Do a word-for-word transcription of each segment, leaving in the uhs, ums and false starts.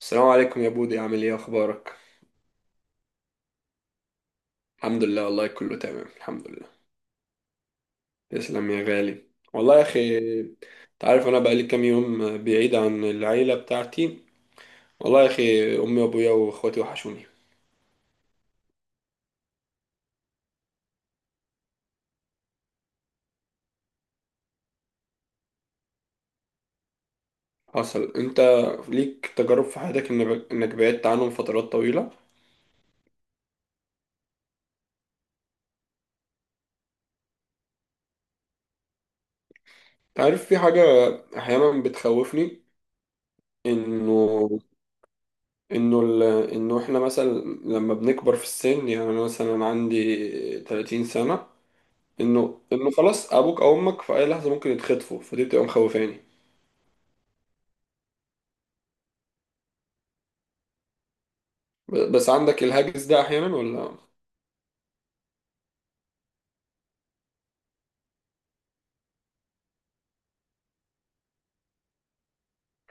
السلام عليكم يا بودي، عامل ايه؟ اخبارك؟ الحمد لله، والله كله تمام، الحمد لله. تسلم يا غالي. والله يا اخي، انت عارف انا بقالي كام يوم بعيد عن العيله بتاعتي. والله يا اخي، امي وابويا واخواتي وحشوني. حصل انت ليك تجارب في حياتك إن- انك بعدت عنهم فترات طويله؟ انت عارف، في حاجه احيانا بتخوفني. انه انه ال... انه احنا مثلا لما بنكبر في السن، يعني انا مثلا عندي ثلاثين سنه، انه انه خلاص ابوك او امك في اي لحظه ممكن يتخطفوا، فدي بتبقى مخوفاني. ب- بس عندك الهاجس ده احيانا ولا؟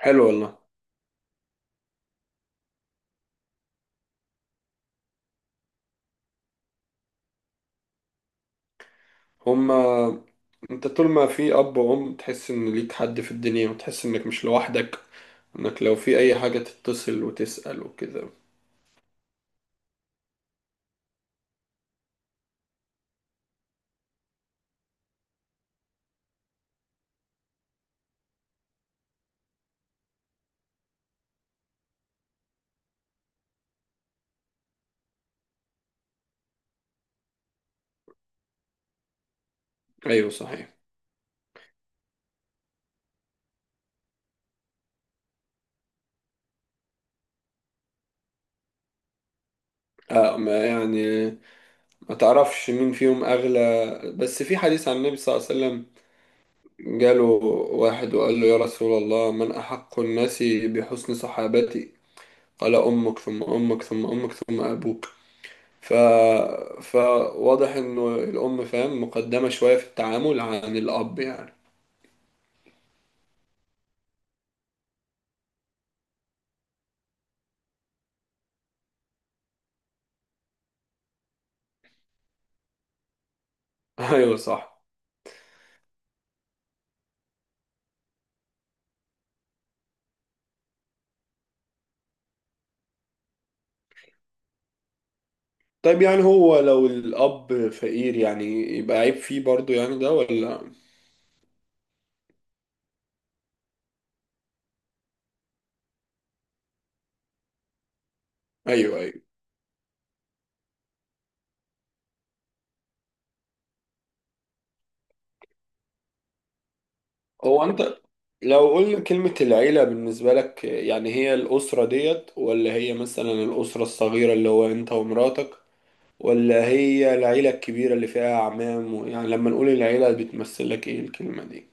حلو والله. هما. انت طول ما في اب وام تحس ان ليك حد في الدنيا، وتحس انك مش لوحدك، انك لو في اي حاجه تتصل وتسال وكده. ايوه صحيح. آه، ما يعني ما تعرفش مين فيهم اغلى، بس في حديث عن النبي صلى الله عليه وسلم، جاله واحد وقال له: يا رسول الله، من احق الناس بحسن صحابتي؟ على أمك ثم أمك ثم أمك ثم أبوك. ف... فواضح إنه الأم فاهم مقدمة شوية في التعامل عن الأب يعني. أيوه صح. طيب، يعني هو لو الأب فقير، يعني يبقى عيب فيه برضو يعني، ده ولا؟ أيوه، أيوه. هو أنت، لو قلنا كلمة العيلة بالنسبة لك، يعني هي الأسرة ديت، ولا هي مثلا الأسرة الصغيرة اللي هو أنت ومراتك، ولا هي العيلة الكبيرة اللي فيها أعمام و- يعني لما نقول العيلة بتمثل لك إيه الكلمة دي؟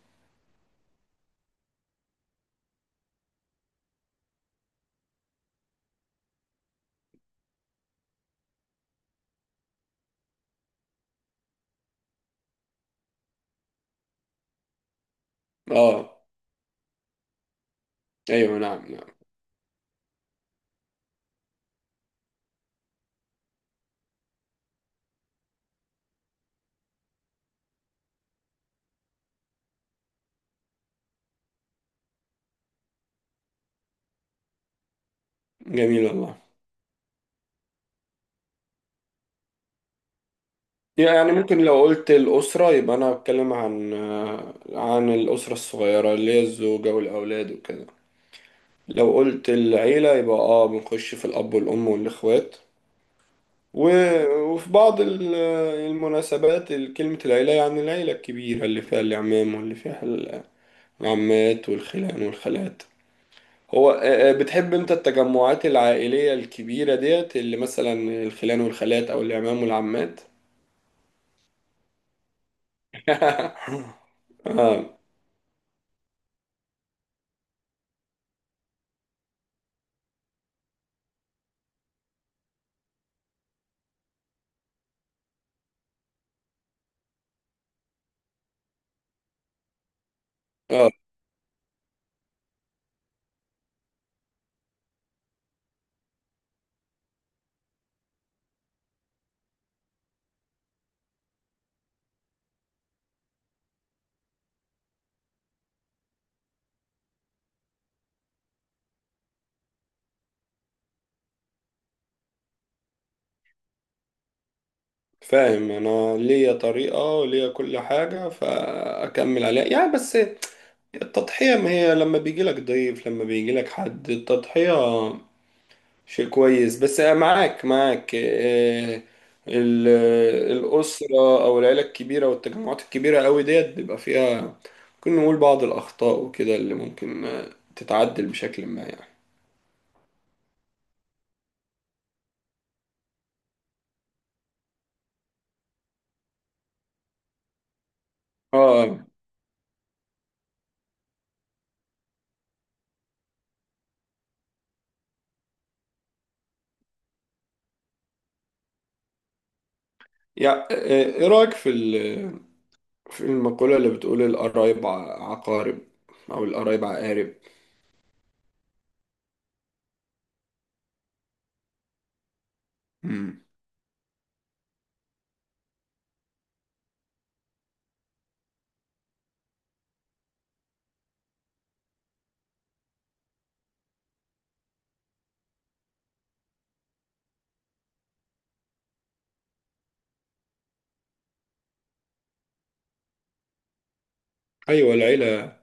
اه، ايوه، نعم، نعم، جميل والله. يعني ممكن لو قلت الأسرة، يبقى أنا بتكلم عن آه، عن الأسرة الصغيرة اللي هي الزوجة والأولاد وكده. لو قلت العيلة، يبقى اه بنخش في الأب والأم والإخوات. و... وفي بعض ال- آه، المناسبات كلمة العيلة، يعني العيلة الكبيرة اللي فيها العمام واللي فيها العمات والخلان والخالات. هو آه، آه، بتحب انت التجمعات العائلية الكبيرة ديت، اللي مثلا الخلان والخالات أو العمام والعمات؟ اه، اه، فاهم. انا ليا طريقة وليا كل حاجة، فاكمل عليها يعني. بس التضحية، ما هي لما بيجي لك ضيف، لما بيجي لك حد، التضحية شيء كويس، بس معاك، معاك، آه، ال- الأسرة او العيلة الكبيرة والتجمعات الكبيرة قوي ديت بيبقى فيها ممكن نقول بعض الأخطاء وكده، اللي ممكن آه، تتعدل بشكل ما يعني. اه. يا، ايه رأيك في في المقولة اللي بتقول القرايب ع- عقارب، أو القرايب عقارب؟ مم. أيوة، العيلة.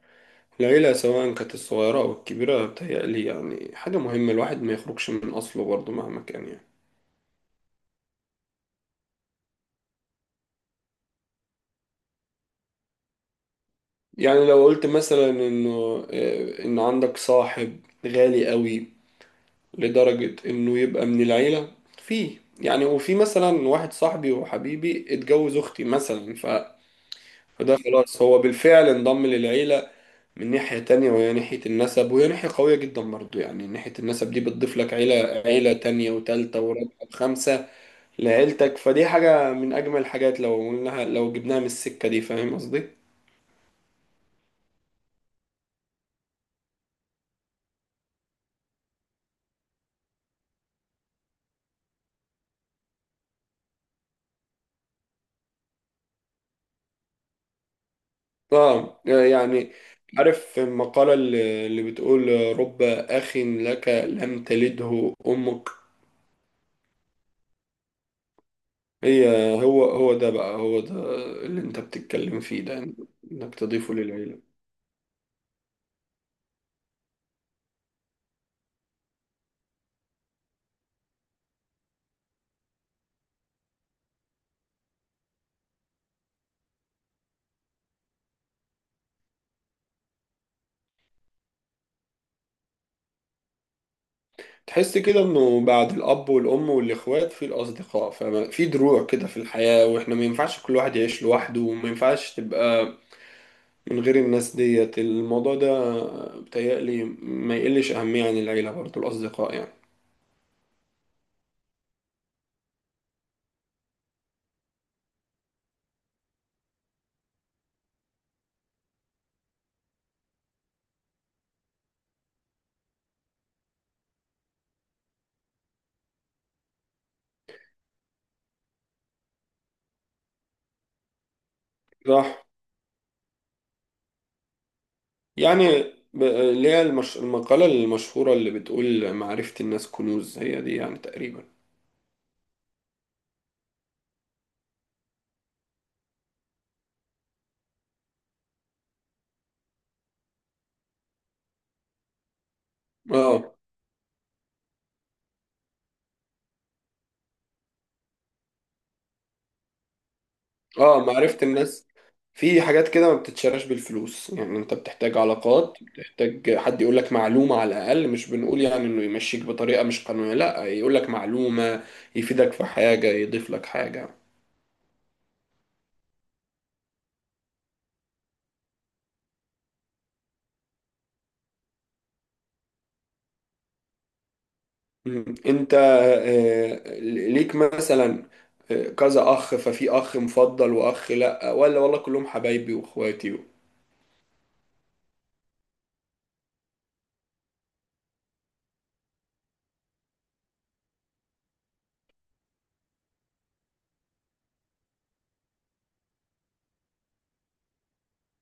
العيلة سواء كانت الصغيرة أو الكبيرة، بتهيألي يعني حاجة مهمة، الواحد ما يخرجش من أصله برضه مهما كان يعني. يعني لو قلت مثلا إنه آه، إن عندك صاحب غالي قوي، لدرجة إنه يبقى من العيلة فيه. يعني وفي مثلا واحد صاحبي وحبيبي اتجوز أختي مثلا، ف... فده خلاص هو بالفعل انضم للعيلة. من ناحية تانية وهي ناحية النسب، وهي ناحية قوية جدا برضو، يعني ناحية النسب دي بتضيف لك عيلة، عيلة تانية وتالتة ورابعة وخامسة لعيلتك، فدي حاجة من أجمل الحاجات لو قلناها، لو جبناها من السكة دي. فاهم قصدي؟ اه، يعني عارف المقالة اللي اللي بتقول: رب أخ لك لم تلده أمك. هي هو هو ده بقى، هو ده اللي أنت بتتكلم فيه ده. إنك تضيفه للعيلة. تحس كده انه بعد الاب والام والاخوات، في الاصدقاء، ففي دروع كده في الحياة، واحنا ما ينفعش كل واحد يعيش لوحده، وما ينفعش تبقى من غير الناس ديت. الموضوع ده بتهيألي ما يقلش اهمية عن العيلة برضه الاصدقاء يعني. صح. يعني ب- اللي هي المش... المقالة المشهورة اللي بتقول معرفة الناس كنوز، هي دي يعني تقريبا. اه، اه، معرفة الناس، في حاجات كده ما بتتشراش بالفلوس، يعني انت بتحتاج علاقات، بتحتاج حد يقول لك معلومة على الأقل، مش بنقول يعني انه يمشيك بطريقة مش قانونية، لا، يقول لك معلومة يفيدك في حاجة، يضيف لك حاجة. مم. انت آه، ليك مثلا آه، كذا أخ، ففي أخ مفضل وأخ لا، ولا والله كلهم حبايبي وإخواتي؟